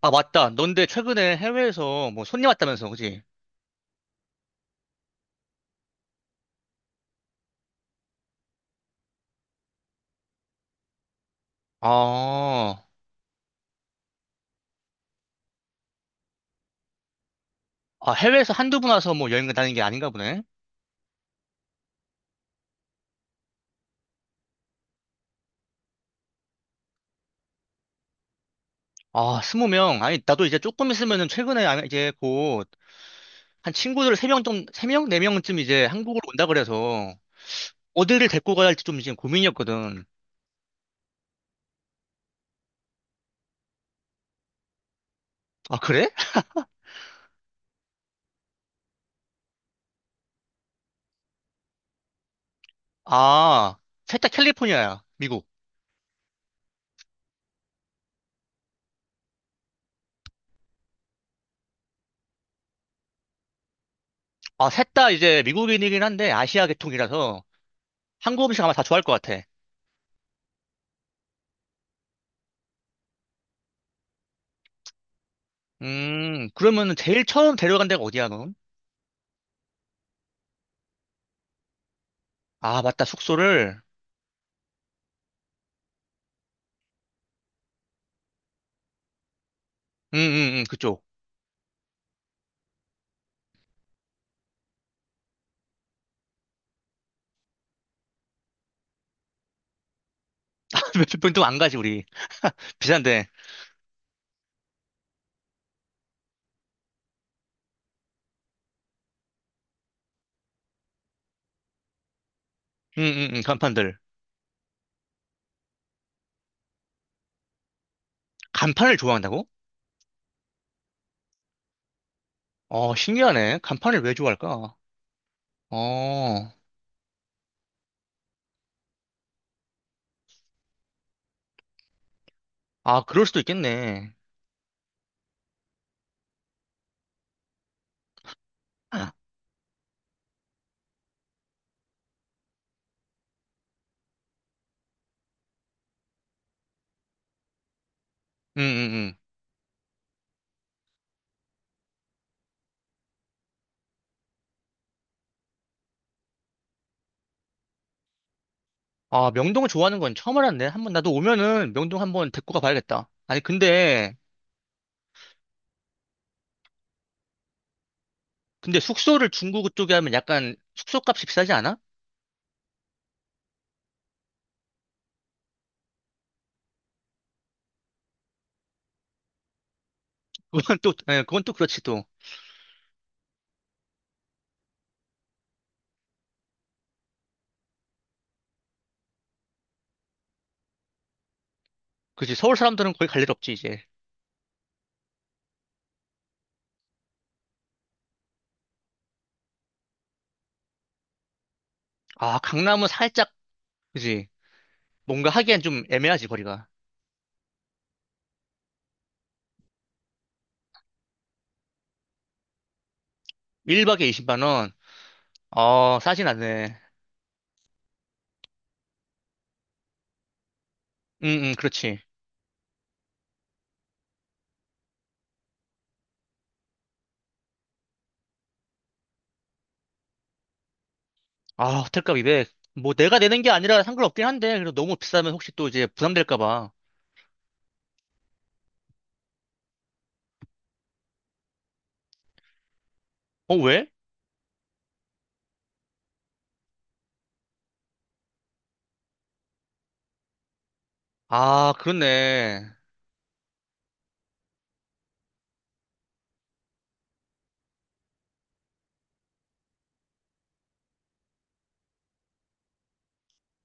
아, 맞다. 넌데 최근에 해외에서 뭐 손님 왔다면서, 그지? 아, 아, 해외에서 한두 분 와서 뭐 여행 다니는 게 아닌가 보네. 아, 스무 명. 아니, 나도 이제 조금 있으면은 최근에 아, 이제 곧 한 친구들 세 명 좀, 세 명? 네 명쯤 이제 한국으로 온다 그래서 어디를 데리고 가야 할지 좀 지금 고민이었거든. 아, 그래? 아, 셋 다 캘리포니아야. 미국. 아, 셋 다 이제 미국인이긴 한데 아시아 계통이라서 한국 음식 아마 다 좋아할 것 같아. 그러면 은 제일 처음 데려간 데가 어디야, 넌? 아, 맞다. 숙소를. 응응응 그쪽. 몇분도 안 가지 우리. 비싼데. 응응응 간판들. 간판을 좋아한다고? 어, 신기하네. 간판을 왜 좋아할까? 어, 아, 그럴 수도 있겠네. 응응응. 아, 명동을 좋아하는 건 처음 알았네. 한번 나도 오면은 명동 한번 데리고 가봐야겠다. 아니 근데, 근데 숙소를 중구 쪽에 하면 약간 숙소값이 비싸지 않아? 그건 또 예, 그건 또 그렇지 또. 그지, 서울 사람들은 거의 갈 일 없지 이제. 아, 강남은 살짝, 그지, 뭔가 하기엔 좀 애매하지 거리가. 1박에 20만 원. 어, 싸진 않네. 응, 응, 그렇지. 아, 호텔값 200. 뭐 내가 내는 게 아니라 상관없긴 한데, 그래도 너무 비싸면 혹시 또 이제 부담될까 봐. 어, 왜? 아, 그렇네.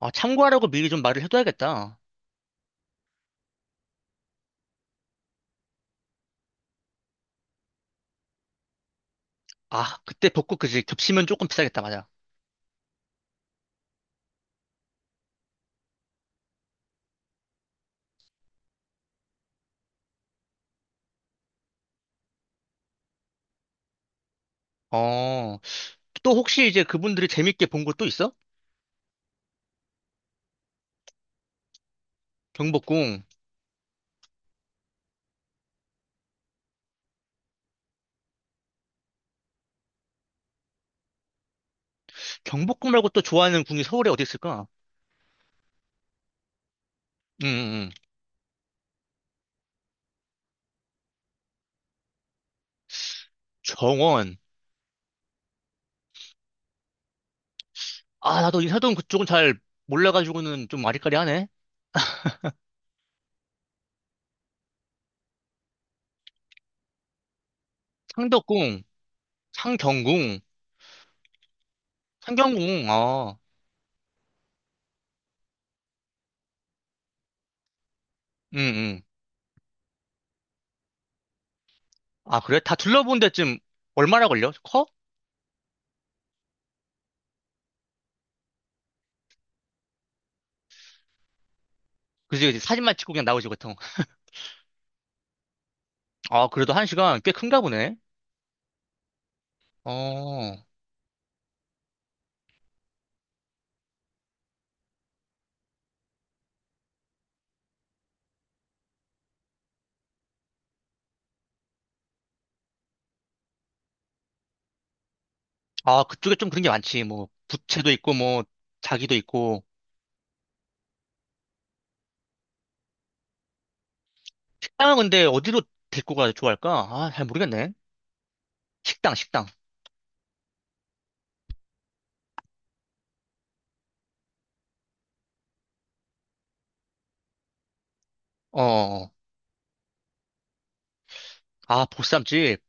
아, 참고하라고 미리 좀 말을 해둬야겠다. 아, 그때 복구 그지 겹치면 조금 비싸겠다, 맞아. 어, 또 혹시 이제 그분들이 재밌게 본 곳 또 있어? 경복궁. 경복궁 말고 또 좋아하는 궁이 서울에 어디 있을까? 응, 응, 응. 정원. 아, 나도 인사동 그쪽은 잘 몰라가지고는 좀 아리까리하네. 창덕궁, 창경궁. 상경궁, 어, 응, 응. 아, 그래? 다 둘러본 데쯤 얼마나 걸려? 커? 그지, 그지. 사진만 찍고 그냥 나오지, 보통. 아, 그래도 한 시간 꽤 큰가 보네. 어, 아, 그쪽에 좀 그런 게 많지. 뭐, 부채도 있고, 뭐, 자기도 있고. 식당은 근데 어디로 데리고 가야 좋아할까? 아, 잘 모르겠네. 식당. 어, 어. 어. 아, 보쌈집.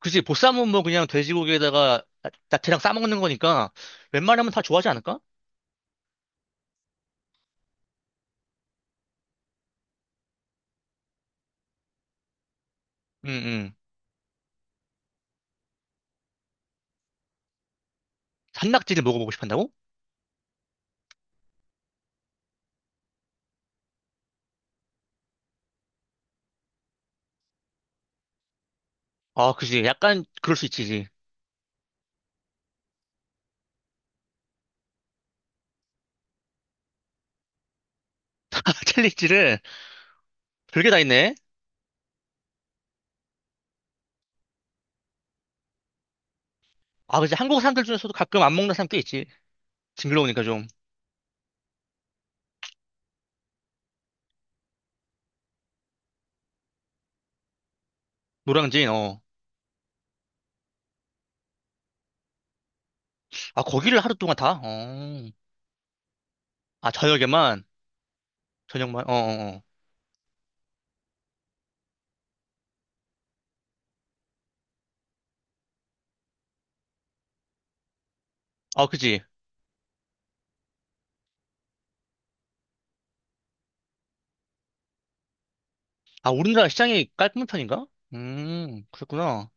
그지, 보쌈은 뭐 그냥 돼지고기에다가 나- 야채랑 싸먹는 거니까 웬만하면 다 좋아하지 않을까? 응, 응. 산낙지를 먹어보고 싶한다고? 아, 그지. 약간 그럴 수 있지. 챌리지를. 별게 다 있네. 아, 그치. 한국 사람들 중에서도 가끔 안 먹는 사람 꽤 있지. 징그러우니까 좀. 노량진, 어. 아, 거기를 하루 동안 다? 어. 아, 저녁에만? 저녁만? 어, 어, 어. 아, 그지. 아, 우리나라 시장이 깔끔한 편인가? 그렇구나.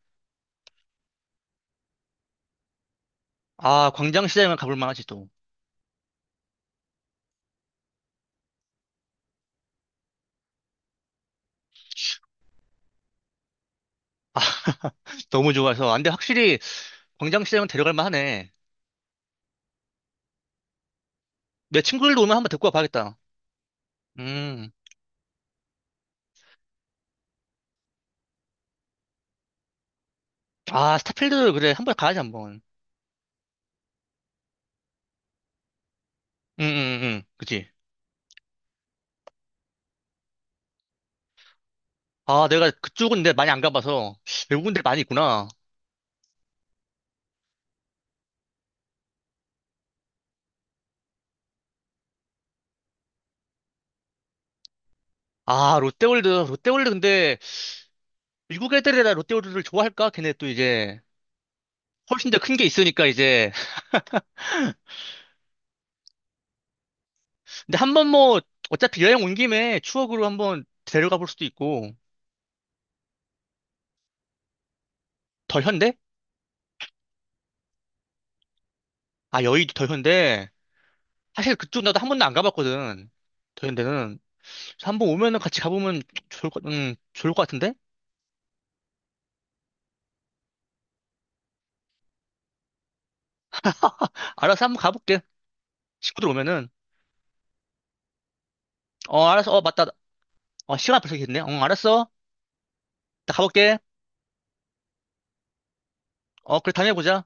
아, 광장시장은 가볼 만하지, 또. 너무 좋아서. 아, 근데 확실히 광장시장은 데려갈 만하네. 내 친구들도 오면 한번 데리고 와봐야겠다. 음. 아, 스타필드, 그래. 한번 가야지, 한번. 응, 응, 응. 그치. 아, 내가 그쪽은 근데 많이 안 가봐서 외국인들 많이 있구나. 아, 롯데월드, 롯데월드 근데 미국 애들이라 롯데월드를 좋아할까? 걔네 또 이제 훨씬 더 큰 게 있으니까 이제. 근데 한번 뭐 어차피 여행 온 김에 추억으로 한번 데려가 볼 수도 있고. 더 현대? 아, 여의도 더 현대. 사실 그쪽 나도 한 번도 안 가봤거든. 더 현대는. 그래서 한번 오면은 같이 가보면 좋을 것, 좋을 것 같은데? 알아서 한번 가볼게. 친구들 오면은. 어, 알았어. 어, 맞다. 어, 시간 벌써 됐네. 어, 알았어. 나 가볼게. 어, 그래, 다음에 보자.